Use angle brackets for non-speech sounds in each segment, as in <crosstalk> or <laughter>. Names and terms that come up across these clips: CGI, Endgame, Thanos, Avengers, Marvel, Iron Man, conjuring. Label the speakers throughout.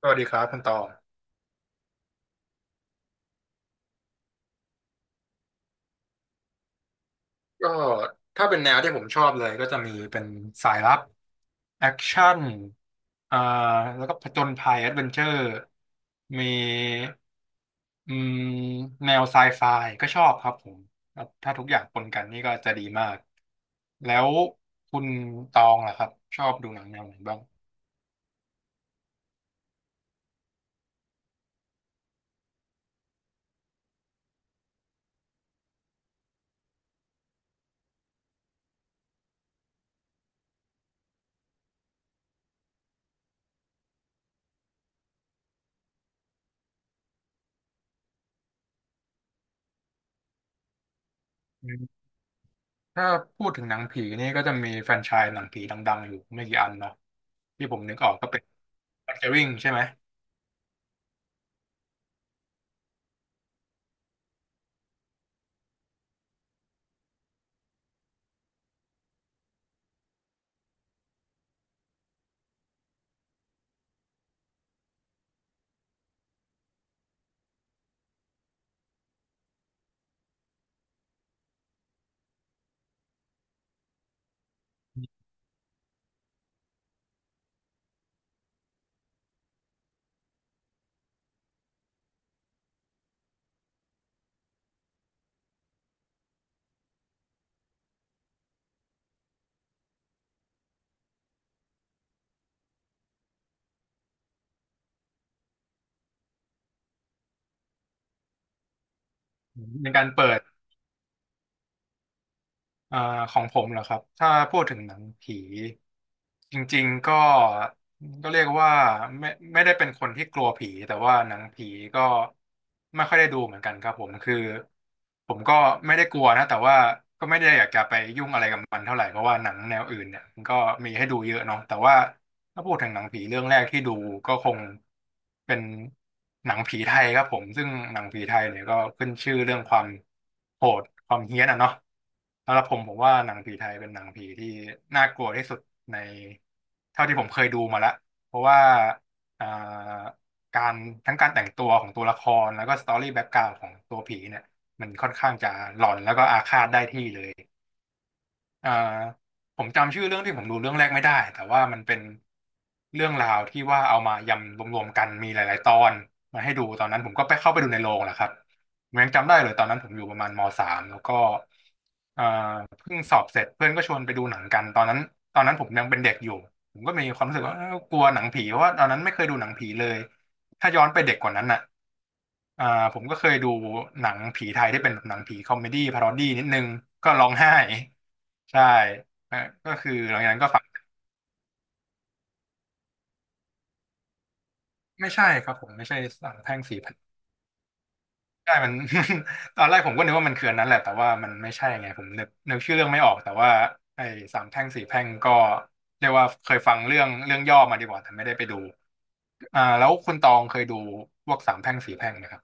Speaker 1: สวัสดีครับคุณตองก็ถ้าเป็นแนวที่ผมชอบเลยก็จะมีเป็นสายลับแอคชั่นอ่าแล้วก็ผจญภัยแอดเวนเจอร์มีอืมแนวไซไฟก็ชอบครับผมครับถ้าทุกอย่างปนกันนี่ก็จะดีมากแล้วคุณตองล่ะครับชอบดูหนังแนวไหนบ้างอืมถ้าพูดถึงหนังผีนี่ก็จะมีแฟรนไชส์หนังผีดังๆอยู่ไม่กี่อันเนาะที่ผมนึกออกก็เป็น Conjuring ใช่ไหมในการเปิด อ่าของผมเหรอครับถ้าพูดถึงหนังผีจริงๆก็เรียกว่าไม่ไม่ได้เป็นคนที่กลัวผีแต่ว่าหนังผีก็ไม่ค่อยได้ดูเหมือนกันครับผมคือผมก็ไม่ได้กลัวนะแต่ว่าก็ไม่ได้อยากจะไปยุ่งอะไรกับมันเท่าไหร่เพราะว่าหนังแนวอื่นเนี่ยมันก็มีให้ดูเยอะเนาะแต่ว่าถ้าพูดถึงหนังผีเรื่องแรกที่ดูก็คงเป็นหนังผีไทยครับผมซึ่งหนังผีไทยเนี่ยก็ขึ้นชื่อเรื่องความโหดความเฮี้ยนอะเนาะ สำหรับผมผมว่าหนังผีไทยเป็นหนังผีที่น่ากลัวที่สุดในเท่าที่ผมเคยดูมาละเพราะว่าอ่าการทั้งการแต่งตัวของตัวละครแล้วก็สตอรี่แบ็กกราวด์ของตัวผีเนี่ยมันค่อนข้างจะหลอนแล้วก็อาฆาตได้ที่เลย อ่าผมจำชื่อเรื่องที่ผมดูเรื่องแรกไม่ได้แต่ว่ามันเป็นเรื่องราวที่ว่าเอามายำรวมๆกันมีหลายๆตอนมาให้ดูตอนนั้นผมก็ไปเข้าไปดูในโรงแหละครับผมยังจำได้เลยตอนนั้นผมอยู่ประมาณมสามแล้วก็อ่าเพิ่งสอบเสร็จเพื่อนก็ชวนไปดูหนังกันตอนนั้นตอนนั้นผมยังเป็นเด็กอยู่ผมก็มีความรู้สึกว่าเอ้ากลัวหนังผีเพราะว่าตอนนั้นไม่เคยดูหนังผีเลยถ้าย้อนไปเด็กกว่านั้นน่ะอ่าผมก็เคยดูหนังผีไทยที่เป็นแบบหนังผีคอมเมดี้พารอดี้นิดนึงก็ร้องไห้ ใช่นะก็คือหลังจากนั้นก็ฝังไม่ใช่ครับผมไม่ใช่สารแพ่งสี่แผ่นใช่มัน <laughs> ตอนแรกผมก็นึกว่ามันคืออันนั้นแหละแต่ว่ามันไม่ใช่ไงผมนึกชื่อเรื่องไม่ออกแต่ว่าไอ้สามแพร่งสี่แพร่งก็เรียกว่าเคยฟังเรื่องย่อมาดีกว่าแต่ไม่ได้ไปดูแล้วคุณตองเคยดูพวกสามแพร่งสี่แพร่งไหมครับ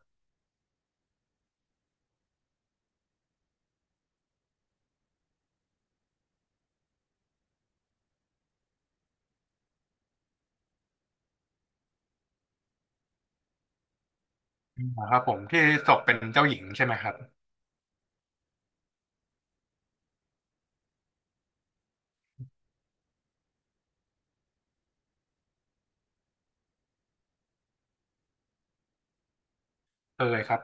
Speaker 1: ครับผมที่ศกเป็นเจ้าหญิงใช่ไหมครับเคยครับ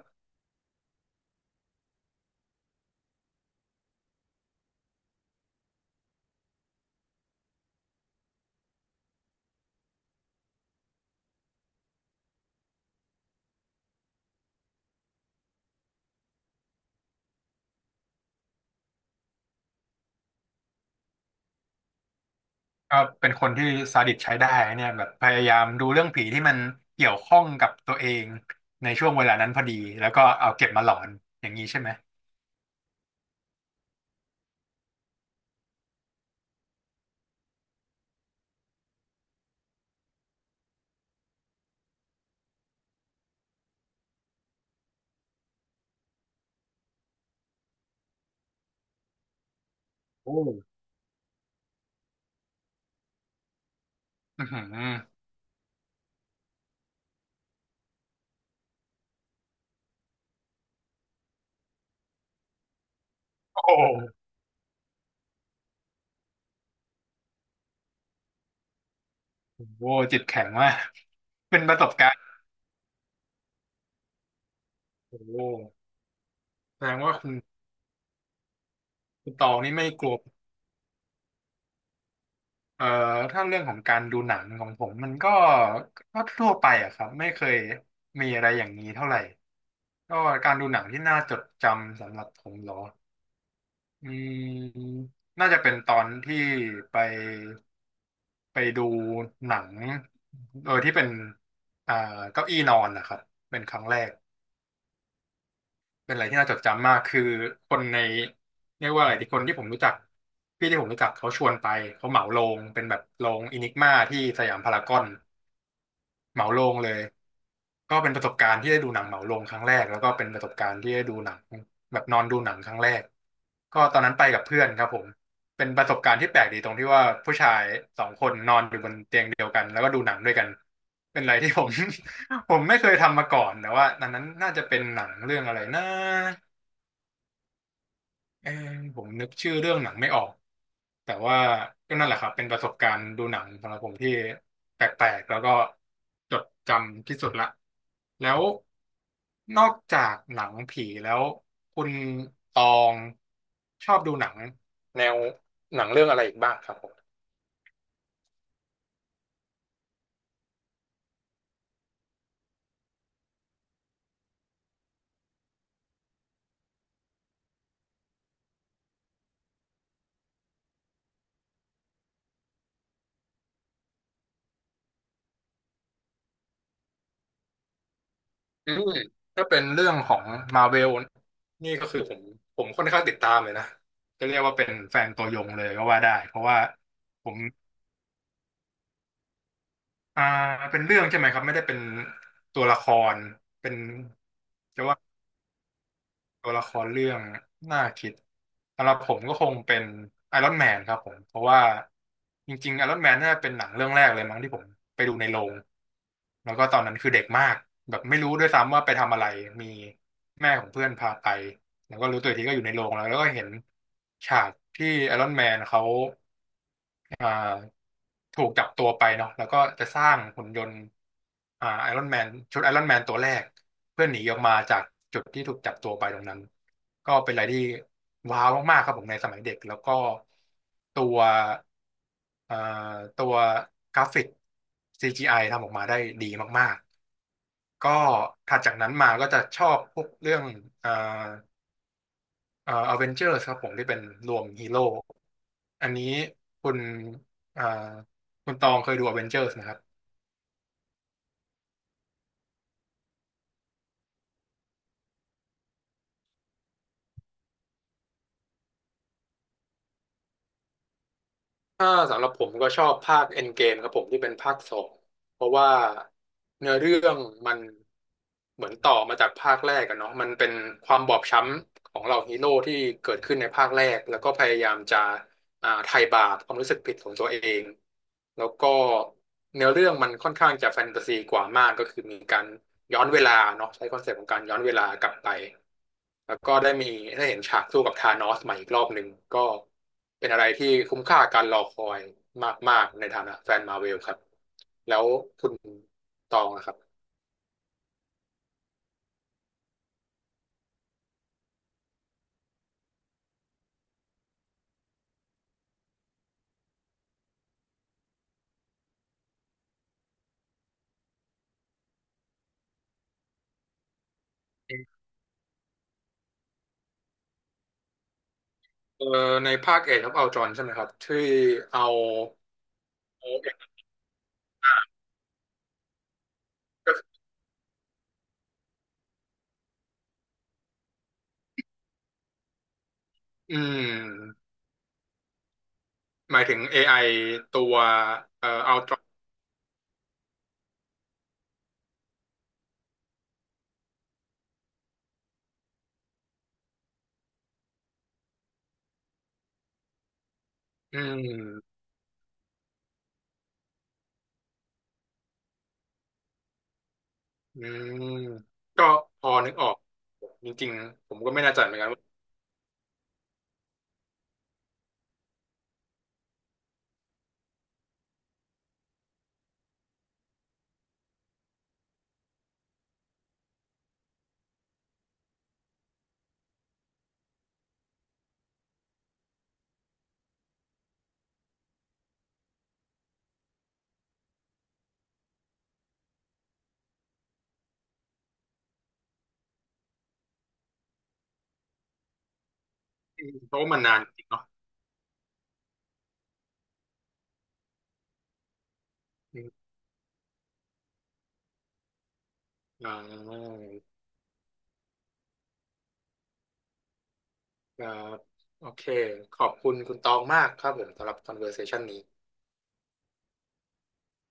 Speaker 1: ก็เป็นคนที่ซาดิสใช้ได้เนี่ยแบบพยายามดูเรื่องผีที่มันเกี่ยวข้องกับตัวเองในช่วงเวลานั้นพอดีแล้วก็เอาเก็บมาหลอนอย่างนี้ใช่ไหมโอ้อือหือโอ้โหโอ้โหจิตแข็งมากเป็นประสบการณ์โอ้โหแสดงว่าคุณตองนี่ไม่กลัวเอ่อถ้าเรื่องของการดูหนังของผมมันก็ก็ทั่วไปอะครับไม่เคยมีอะไรอย่างนี้เท่าไหร่ก็การดูหนังที่น่าจดจำสำหรับผมเหรอ อืมน่าจะเป็นตอนที่ไปดูหนังที่เป็นอ่าเก้าอี้นอนนะครับเป็นครั้งแรก เป็นอะไรที่น่าจดจำมาก คือคนในเรียกว่าอะไรที่คนที่ผมรู้จัก พี่ที่ผมรู้จักเขาชวนไป เขาเหมาโรงเป็นแบบโรงอินิกมาที่สยามพารากอน เหมาโรงเลย ก็เป็นประสบการณ์ที่ได้ดูหนังเหมาโรงครั้งแรกแล้วก็เป็นประสบการณ์ที่ได้ดูหนังแบบนอนดูหนังครั้งแรกก็ตอนนั้นไปกับเพื่อนครับผมเป็นประสบการณ์ที่แปลกดีตรงที่ว่าผู้ชายสองคนนอนอยู่บนเตียงเดียวกันแล้วก็ดูหนังด้วยกันเป็นอะไรที่ผม <laughs> ผมไม่เคยทำมาก่อนแต่ว่าอันนั้นน่าจะเป็นหนังเรื่องอะไรนะ เออผมนึกชื่อเรื่องหนังไม่ออกแต่ว่าก็นั่นแหละครับเป็นประสบการณ์ดูหนังสำหรับผมที่แปลกๆแล้วก็จดจำที่สุดละแล้วนอกจากหนังผีแล้วคุณตองชอบดูหนังแนวหนังเรื่องอะไรอีกบ้างครับผมอืมถ้าเป็นเรื่องของมาเวลนี่ก็คือผมค่อนข้างติดตามเลยนะจะเรียกว่าเป็นแฟนตัวยงเลยก็ว่าได้เพราะว่าผม อ่าเป็นเรื่องใช่ไหมครับไม่ได้เป็นตัวละครเป็นจะว่าตัวละครเรื่องน่าคิดสำหรับผมก็คงเป็นไอรอนแมนครับผมเพราะว่าจริงๆไอรอนแมนน่าจะเป็นหนังเรื่องแรกเลยมั้งที่ผมไปดูในโรงแล้วก็ตอนนั้นคือเด็กมากแบบไม่รู้ด้วยซ้ำว่าไปทำอะไรมีแม่ของเพื่อนพาไปแล้วก็รู้ตัวอีกทีก็อยู่ในโรงแล้วแล้วก็เห็นฉากที่ไอรอนแมนเขา อ่าถูกจับตัวไปเนาะแล้วก็จะสร้างหุ่นยนต์ไอรอนแมนชุดไอรอนแมนตัวแรกเพื่อหนีออกมาจากจุดที่ถูกจับตัวไปตรงนั้นก็เป็นอะไรที่ว้าวมากๆครับผมในสมัยเด็กแล้วก็ตัวอ่าตัวกราฟิก CGI ทำออกมาได้ดีมากๆก็ถัดจากนั้นมาก็จะชอบพวกเรื่องอ่า อเวนเจอร์ครับผมที่เป็นรวมฮีโร่อันนี้คุณอ่าคุณตองเคยดูอเวนเจอร์นะครับถ้าสำหรับผมก็ชอบภาคเอ็นเกมครับผมที่เป็นภาคสองเพราะว่าเนื้อเรื่องมันเหมือนต่อมาจากภาคแรกกันเนาะมันเป็นความบอบช้ำของเหล่าฮีโร่ที่เกิดขึ้นในภาคแรกแล้วก็พยายามจะ ไทยบาทความรู้สึกผิดของตัวเองแล้วก็เนื้อเรื่องมันค่อนข้างจะแฟนตาซีกว่ามากก็คือมีการย้อนเวลาเนาะใช้คอนเซปต์ของการย้อนเวลากลับไปแล้วก็ได้มีได้เห็นฉากสู้กับธานอสใหม่อีกรอบหนึ่งก็เป็นอะไรที่คุ้มค่าการรอคอยมากๆในฐานะแฟนมาเวลครับแล้วคุณตองนะครับเออในภาคเอ e of Ultron ใช่ไหมครับที่เอาเอาเอกอืม หมายถึง AI ตัวอัลตรอืมอืมก็พอนึกออกจริงๆผมก็ไม่แน่ใจเหมือนกันว่าอืมเพราะว่ามันนานจริงเนาะอืมอ่าครับโอเคขอบคุณคุณตองมากครับผมสำหรับ conversation นี้